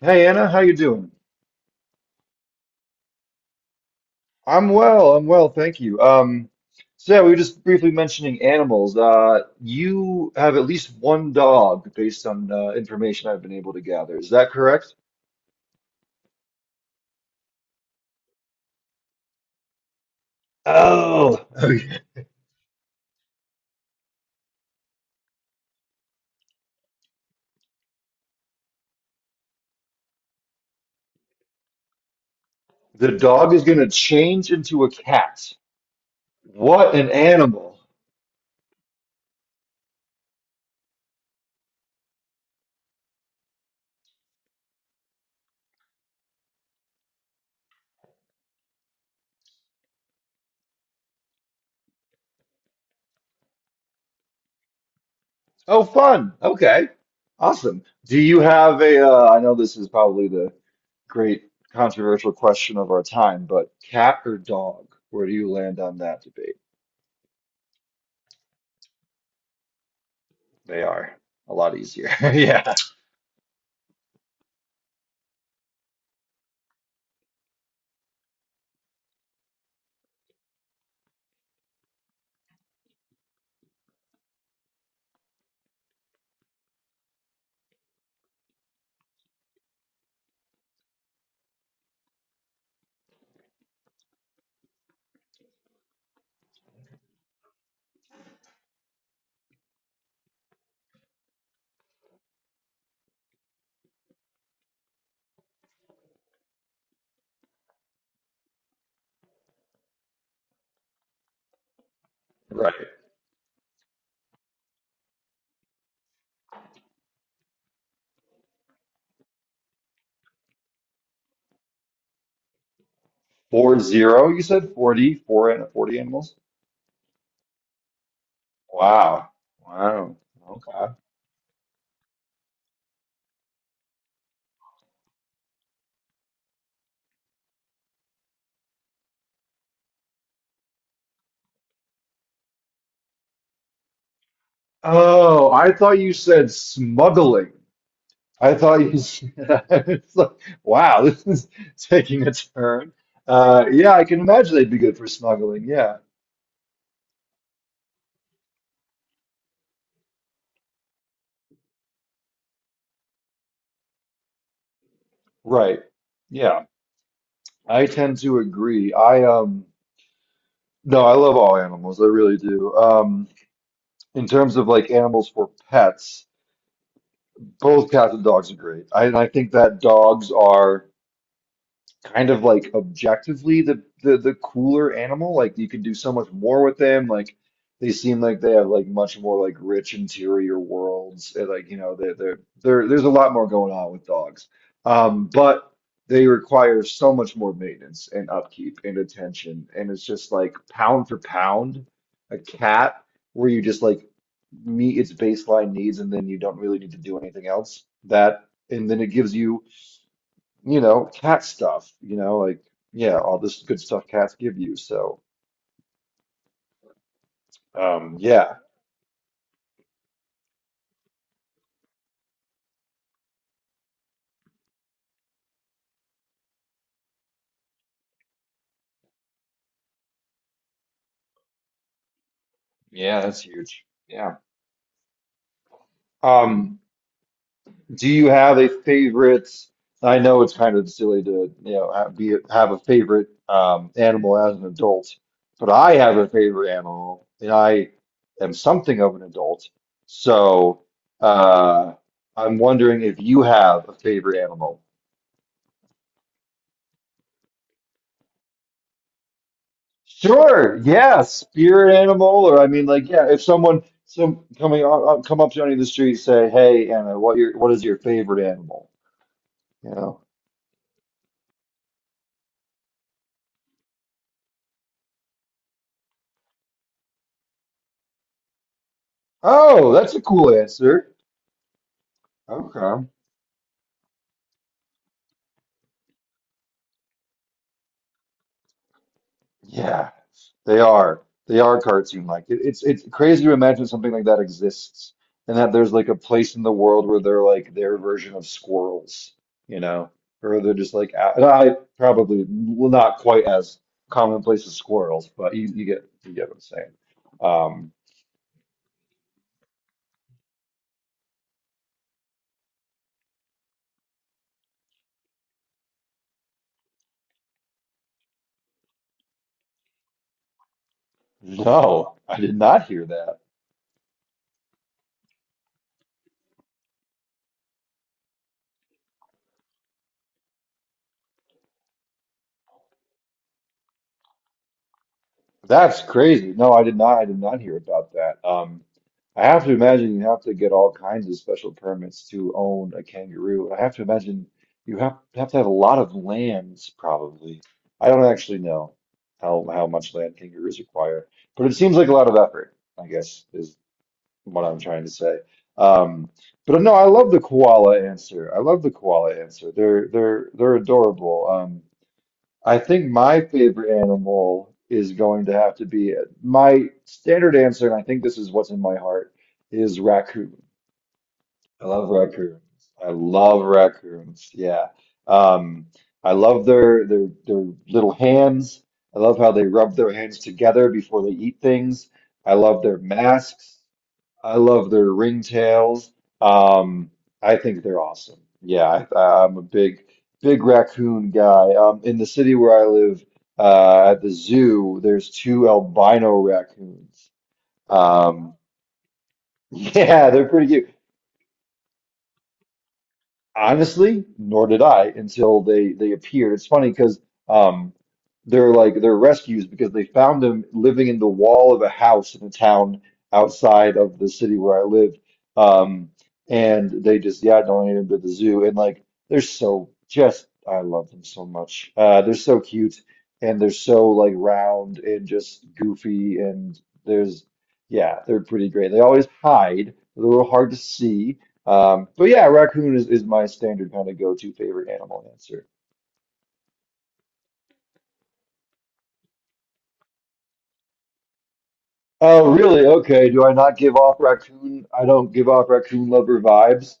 Hey Anna, how you doing? I'm well, thank you. So yeah, we were just briefly mentioning animals. You have at least one dog based on information I've been able to gather. Is that correct? Oh, okay. The dog is going to change into a cat. What an animal. Oh, fun. Okay. Awesome. Do you have a, I know this is probably the great controversial question of our time, but cat or dog? Where do you land on that debate? They are a lot easier. Yeah, right. 40, you said 40, four and 40 animals? Wow. Wow. Okay. Oh, I thought you said smuggling. I thought you said, it's like, wow, this is taking a turn. Yeah, I can imagine they'd be good for smuggling. Yeah, right. Yeah, I tend to agree. No, I love all animals. I really do. In terms of like animals for pets, both cats and dogs are great. And I think that dogs are kind of like objectively the cooler animal. Like you can do so much more with them. Like they seem like they have like much more like rich interior worlds. And like you know there's a lot more going on with dogs. But they require so much more maintenance and upkeep and attention. And it's just like pound for pound, a cat where you just like meet its baseline needs and then you don't really need to do anything else. That and then it gives you cat stuff, yeah, all this good stuff cats give you. So, yeah, yeah, that's huge. Yeah. Um, do you have a favorite? I know it's kind of silly to, be have a favorite animal as an adult, but I have a favorite animal, and I am something of an adult. So, uh, I'm wondering if you have a favorite animal. Sure. Yeah. Spirit animal, or I mean, like, yeah. If someone some coming on, come up to any of the street, say, "Hey, Anna, what is your favorite animal?" You know. Oh, that's a cool answer. Okay. Yeah, they are. They are cartoon like. It's crazy to imagine something like that exists and that there's like a place in the world where they're like their version of squirrels, you know, or they're just like a- and I probably well, not quite as commonplace as squirrels, but you get what I'm saying. Um, no, I did not hear that. That's crazy. No, I did not. I did not hear about that. I have to imagine you have to get all kinds of special permits to own a kangaroo. I have to imagine you have to have a lot of lands, probably. I don't actually know how much land kangaroos require, but it seems like a lot of effort, I guess, is what I'm trying to say. Um, but no, I love the koala answer. I love the koala answer. They're adorable. I think my favorite animal is going to have to be my standard answer, and I think this is what's in my heart, is raccoon. I love raccoons. I love raccoons. Yeah. Um, I love their little hands. I love how they rub their hands together before they eat things. I love their masks. I love their ringtails. Um, I think they're awesome. I'm a big, big raccoon guy. In the city where I live, at the zoo, there's two albino raccoons. Um, yeah, they're pretty cute. Honestly, nor did I until they appeared. It's funny because um, they're like they're rescues because they found them living in the wall of a house in a town outside of the city where I lived. Um, and they just yeah donated them to the zoo and like they're so just I love them so much. They're so cute and they're so like round and just goofy and there's yeah they're pretty great. They always hide. They're a little hard to see but yeah, raccoon is my standard kind of go-to favorite animal answer. Oh, really? Okay. Do I not give off raccoon? I don't give off raccoon lover vibes.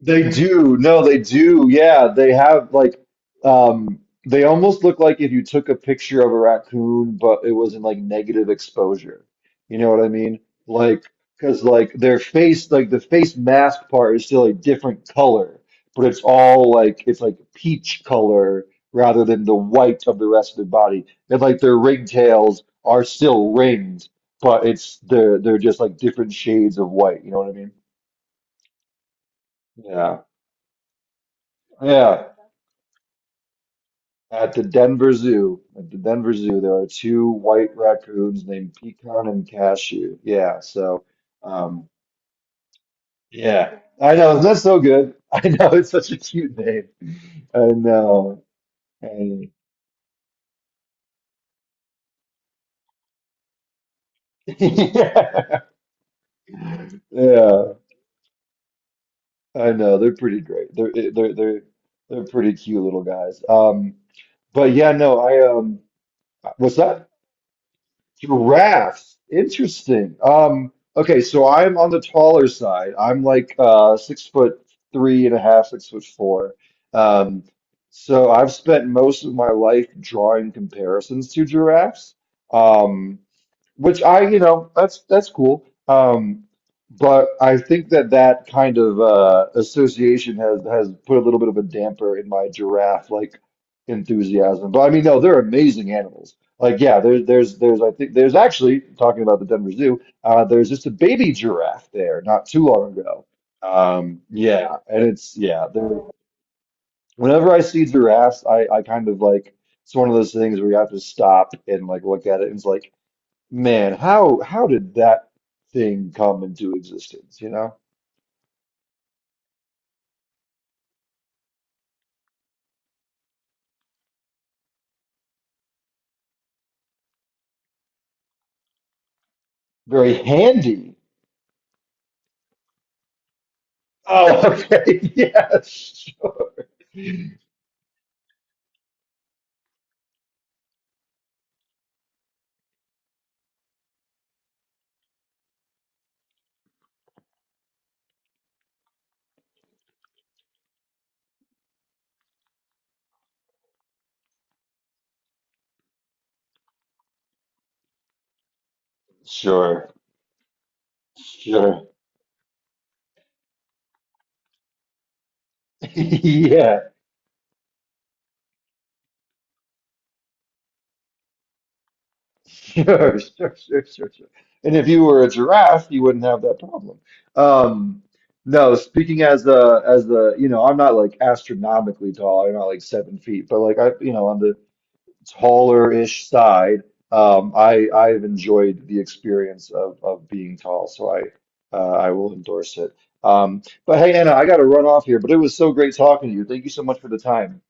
They do. No, they do. Yeah, they have like um they almost look like if you took a picture of a raccoon, but it was in like negative exposure. You know what I mean? Like, because like their face, like the face mask part is still a different color, but it's all like it's like peach color rather than the white of the rest of their body. And like their ringtails are still ringed, but it's they're just like different shades of white. You know what I mean? Yeah. Yeah. At the Denver Zoo, there are two white raccoons named Pecan and Cashew. Yeah, so, um, yeah, I know that's so good. I know it's such a cute name. I know. I, yeah, yeah, I know they're pretty great. They're eh, they're pretty cute little guys. But yeah, no, I what's that? Giraffes, interesting. Okay, so I'm on the taller side. I'm like 6 foot three and a half, 6 foot four. Um, so I've spent most of my life drawing comparisons to giraffes. Um, which I, you know, that's cool. But I think that that kind of association has put a little bit of a damper in my giraffe like enthusiasm. But I mean, no, they're amazing animals. Like, yeah, I think there's actually talking about the Denver Zoo. There's just a baby giraffe there not too long ago. Yeah, and it's yeah. There, whenever I see giraffes, I kind of like it's one of those things where you have to stop and like look at it and it's like, man, how did that thing come into existence? You know, very handy. Oh, okay, yeah, sure, sure, yeah. Sure. And if you were a giraffe, you wouldn't have that problem. Um, no, speaking as the you know, I'm not like astronomically tall. I'm not like 7 feet, but like I, you know, on the taller-ish side, I've enjoyed the experience of being tall, so I will endorse it. But hey, Anna, I got to run off here, but it was so great talking to you. Thank you so much for the time.